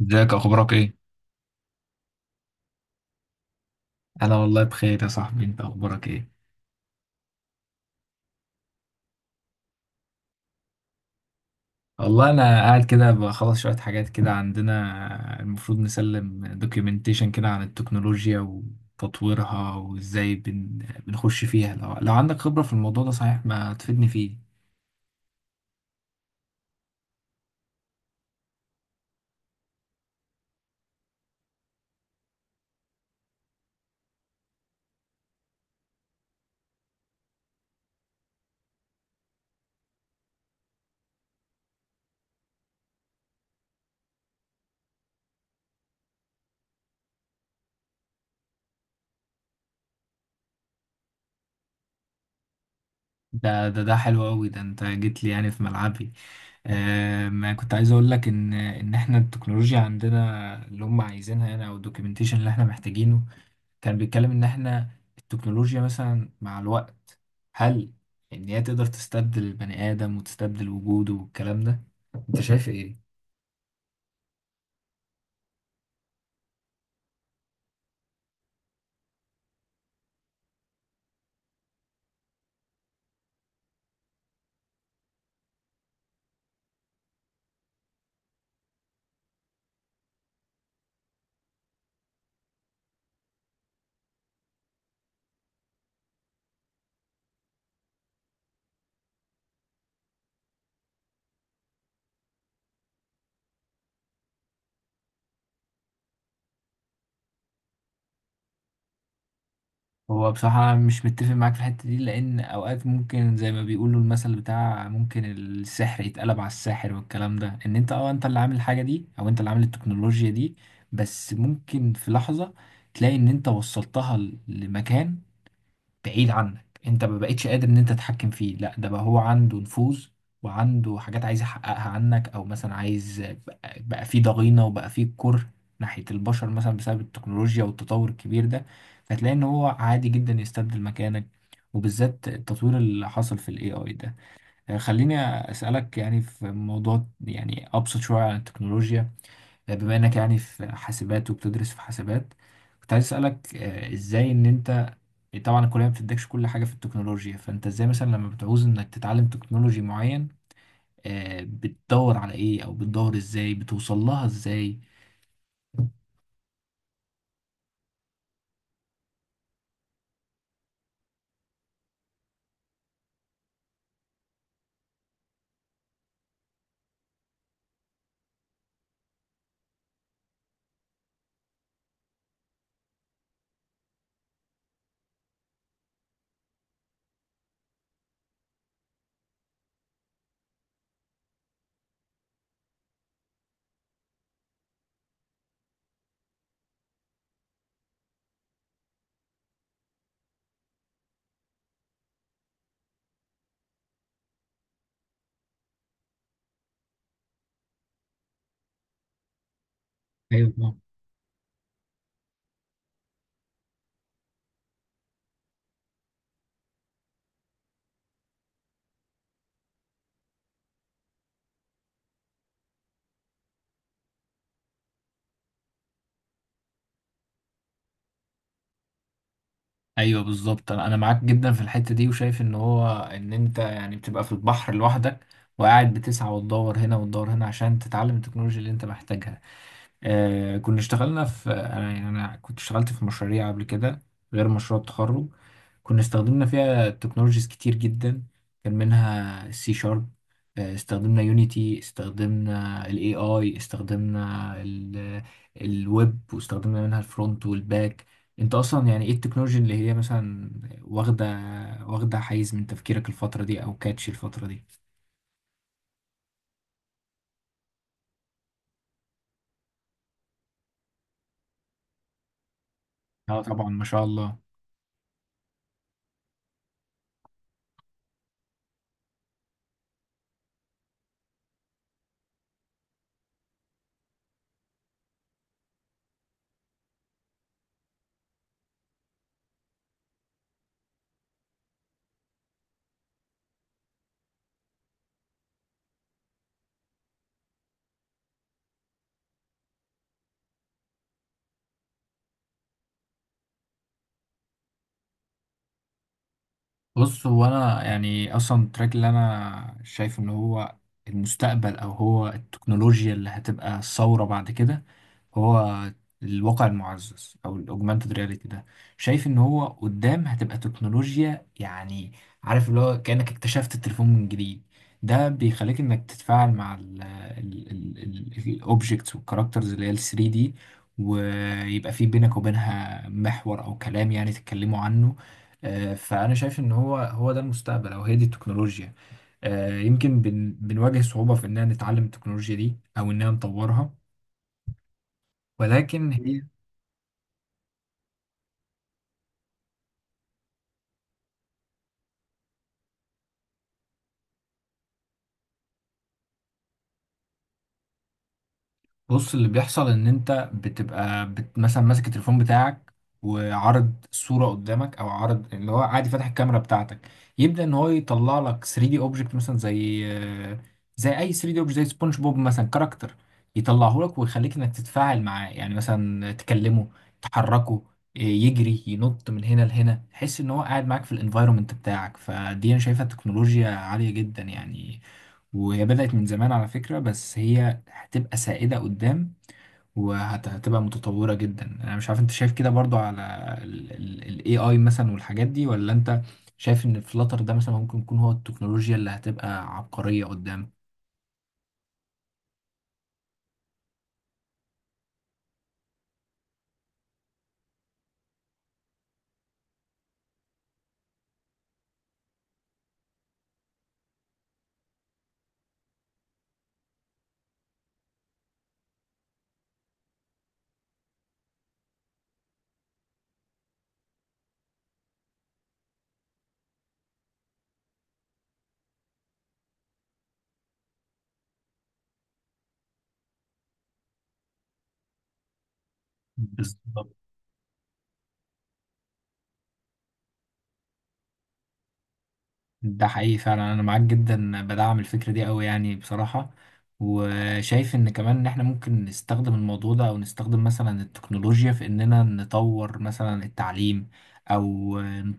ازيك؟ اخبارك ايه؟ انا والله بخير يا صاحبي، انت اخبارك ايه؟ والله انا قاعد كده بخلص شويه حاجات كده، عندنا المفروض نسلم دوكيومنتيشن كده عن التكنولوجيا وتطويرها وازاي بنخش فيها. لو عندك خبره في الموضوع ده صحيح، ما تفيدني فيه. ده حلو قوي، ده انت جيت لي يعني في ملعبي. آه، ما كنت عايز اقول لك ان احنا التكنولوجيا عندنا اللي هم عايزينها يعني، او الدوكيومنتيشن اللي احنا محتاجينه كان بيتكلم ان احنا التكنولوجيا مثلا مع الوقت، هل ان هي تقدر تستبدل البني ادم وتستبدل وجوده والكلام ده؟ انت شايف ايه؟ هو بصراحة مش متفق معاك في الحتة دي، لأن أوقات ممكن زي ما بيقولوا المثل بتاع ممكن السحر يتقلب على الساحر، والكلام ده إن أنت أنت اللي عامل الحاجة دي، أو أنت اللي عامل التكنولوجيا دي. بس ممكن في لحظة تلاقي إن أنت وصلتها لمكان بعيد عنك، انت ما بقتش قادر ان انت تتحكم فيه. لا، ده بقى هو عنده نفوذ، وعنده حاجات عايز يحققها عنك، او مثلا عايز بقى فيه ضغينة، وبقى فيه كره ناحية البشر مثلا بسبب التكنولوجيا والتطور الكبير ده. فتلاقي ان هو عادي جدا يستبدل مكانك، وبالذات التطوير اللي حصل في الاي اي ده. يعني خليني اسالك يعني في موضوع يعني ابسط شويه عن التكنولوجيا، بما انك يعني في حاسبات وبتدرس في حاسبات. كنت عايز اسالك، ازاي ان انت، طبعا الكليه ما بتدكش كل حاجه في التكنولوجيا، فانت ازاي مثلا لما بتعوز انك تتعلم تكنولوجي معين، بتدور على ايه؟ او بتدور ازاي؟ بتوصل لها ازاي؟ ايوه طبعاً. ايوه بالظبط، أنا معاك جدا في الحته دي، وشايف ان هو ان انت يعني بتبقى في البحر لوحدك، وقاعد بتسعى وتدور هنا وتدور هنا عشان تتعلم التكنولوجيا اللي انت محتاجها. آه، كنا اشتغلنا في انا كنت اشتغلت في مشاريع قبل كده غير مشروع التخرج. كنا استخدمنا فيها تكنولوجيز كتير جدا، كان منها السي شارب، استخدمنا يونيتي، استخدمنا الاي اي، استخدمنا الويب، واستخدمنا منها الفرونت والباك. انت اصلا يعني ايه التكنولوجي اللي هي مثلا واخده واخده حيز من تفكيرك الفتره دي، او كاتش الفتره دي؟ اه طبعا ما شاء الله. بص، هو انا يعني اصلا التراك اللي انا شايف ان هو المستقبل، او هو التكنولوجيا اللي هتبقى الثوره بعد كده، هو الواقع المعزز او الاوجمانتد رياليتي ده. شايف ان هو قدام هتبقى تكنولوجيا يعني، عارف اللي هو كانك اكتشفت التليفون من جديد. ده بيخليك انك تتفاعل مع الاوبجكتس والكاركترز اللي هي ال 3 دي، ويبقى في بينك وبينها محور او كلام يعني تتكلموا عنه. آه، فأنا شايف إن هو هو ده المستقبل، أو هي دي التكنولوجيا. آه، يمكن بنواجه صعوبة في إننا نتعلم التكنولوجيا دي أو إننا نطورها، ولكن هي... بص، اللي بيحصل ان انت بتبقى مثلا ماسك التليفون بتاعك، وعرض صورة قدامك او عرض اللي هو عادي فاتح الكاميرا بتاعتك، يبدأ ان هو يطلع لك 3D اوبجكت مثلا، زي اي 3D اوبجكت زي سبونج بوب مثلا كاركتر، يطلعه لك ويخليك انك تتفاعل معاه، يعني مثلا تكلمه، تحركه، يجري، ينط من هنا لهنا، تحس ان هو قاعد معاك في الانفايرومنت بتاعك. فدي انا شايفها تكنولوجيا عالية جدا يعني، وهي بدأت من زمان على فكرة، بس هي هتبقى سائدة قدام وهتبقى متطورة جدا. انا مش عارف انت شايف كده برضو على ال AI مثلا والحاجات دي، ولا انت شايف ان فلاتر ده مثلا ممكن يكون هو التكنولوجيا اللي هتبقى عبقرية قدام؟ بالظبط. ده حقيقي فعلا، انا معاك جدا، بدعم الفكره دي قوي يعني بصراحه. وشايف ان كمان ان احنا ممكن نستخدم الموضوع ده، او نستخدم مثلا التكنولوجيا في اننا نطور مثلا التعليم، او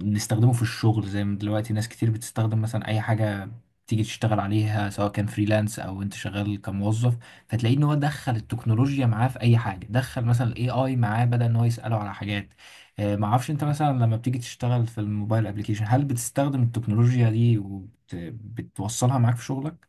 نستخدمه في الشغل زي ما دلوقتي ناس كتير بتستخدم مثلا اي حاجه تيجي تشتغل عليها، سواء كان فريلانس او انت شغال كموظف. فتلاقيه ان هو دخل التكنولوجيا معاه في اي حاجه، دخل مثلا الاي اي معاه بدل ان هو يساله على حاجات. آه، ما اعرفش انت مثلا لما بتيجي تشتغل في الموبايل ابليكيشن هل بتستخدم التكنولوجيا دي وبتوصلها معاك في شغلك؟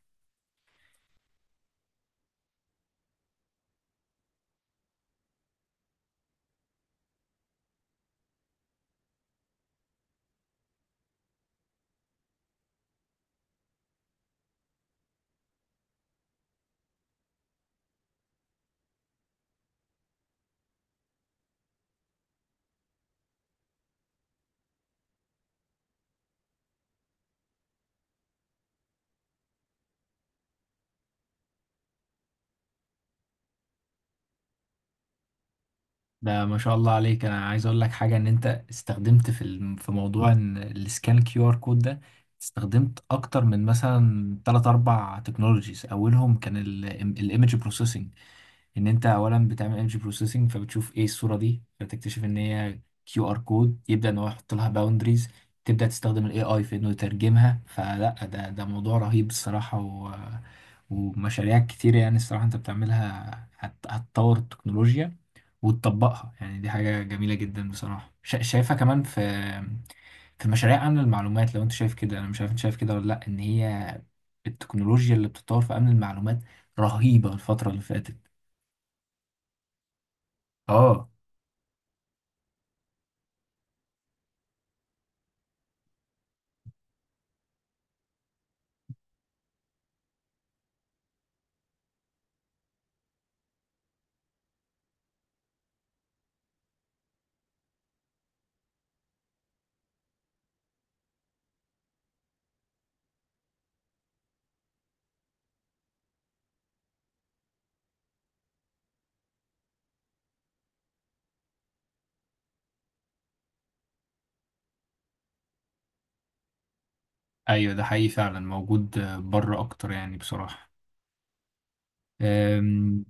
ده ما شاء الله عليك. انا عايز اقول لك حاجه، ان انت استخدمت في في موضوع إن السكان كيو ار كود ده، استخدمت اكتر من مثلا 3 4 تكنولوجيز، اولهم كان الايمج بروسيسنج. ان انت اولا بتعمل ايمج بروسيسنج فبتشوف ايه الصوره دي، فتكتشف ان هي كيو ار كود، يبدا ان هو يحط لها باوندريز، تبدا تستخدم الاي اي في انه يترجمها. فلا، ده موضوع رهيب الصراحه. ومشاريع كتير يعني الصراحه انت بتعملها هتطور التكنولوجيا وتطبقها، يعني دي حاجه جميله جدا بصراحه. شايفها كمان في في مشاريع امن المعلومات، لو انت شايف كده. انا مش عارف انت شايف كده ولا لا، ان هي التكنولوجيا اللي بتتطور في امن المعلومات رهيبه الفتره اللي فاتت. اه. ايوه ده حقيقي فعلا موجود، بره اكتر يعني بصراحه. أم،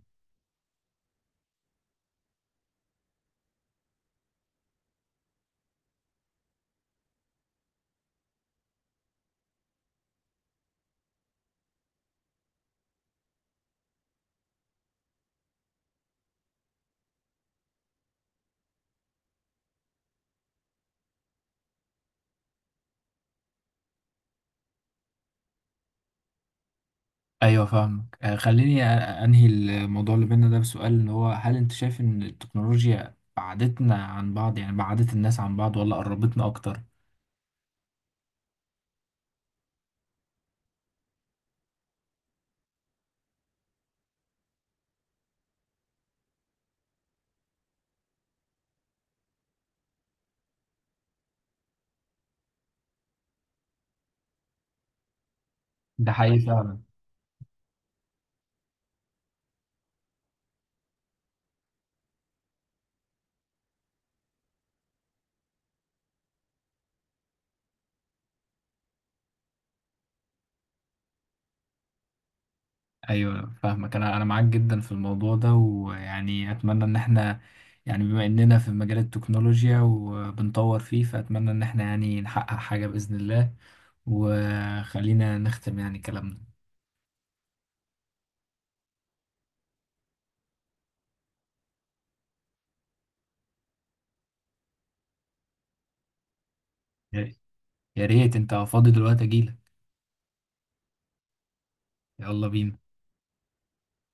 ايوه فاهمك. خليني انهي الموضوع اللي بينا ده بسؤال، اللي هو هل انت شايف ان التكنولوجيا بعدتنا عن بعض يعني بعدت الناس عن بعض، ولا قربتنا اكتر؟ ده حقيقي فعلا. ايوه فاهمك، انا معاك جدا في الموضوع ده، ويعني اتمنى ان احنا يعني، بما اننا في مجال التكنولوجيا وبنطور فيه، فاتمنى ان احنا يعني نحقق حاجه باذن الله. وخلينا نختم يعني كلامنا. يا ريت انت فاضي دلوقتي اجيلك. يلا بينا.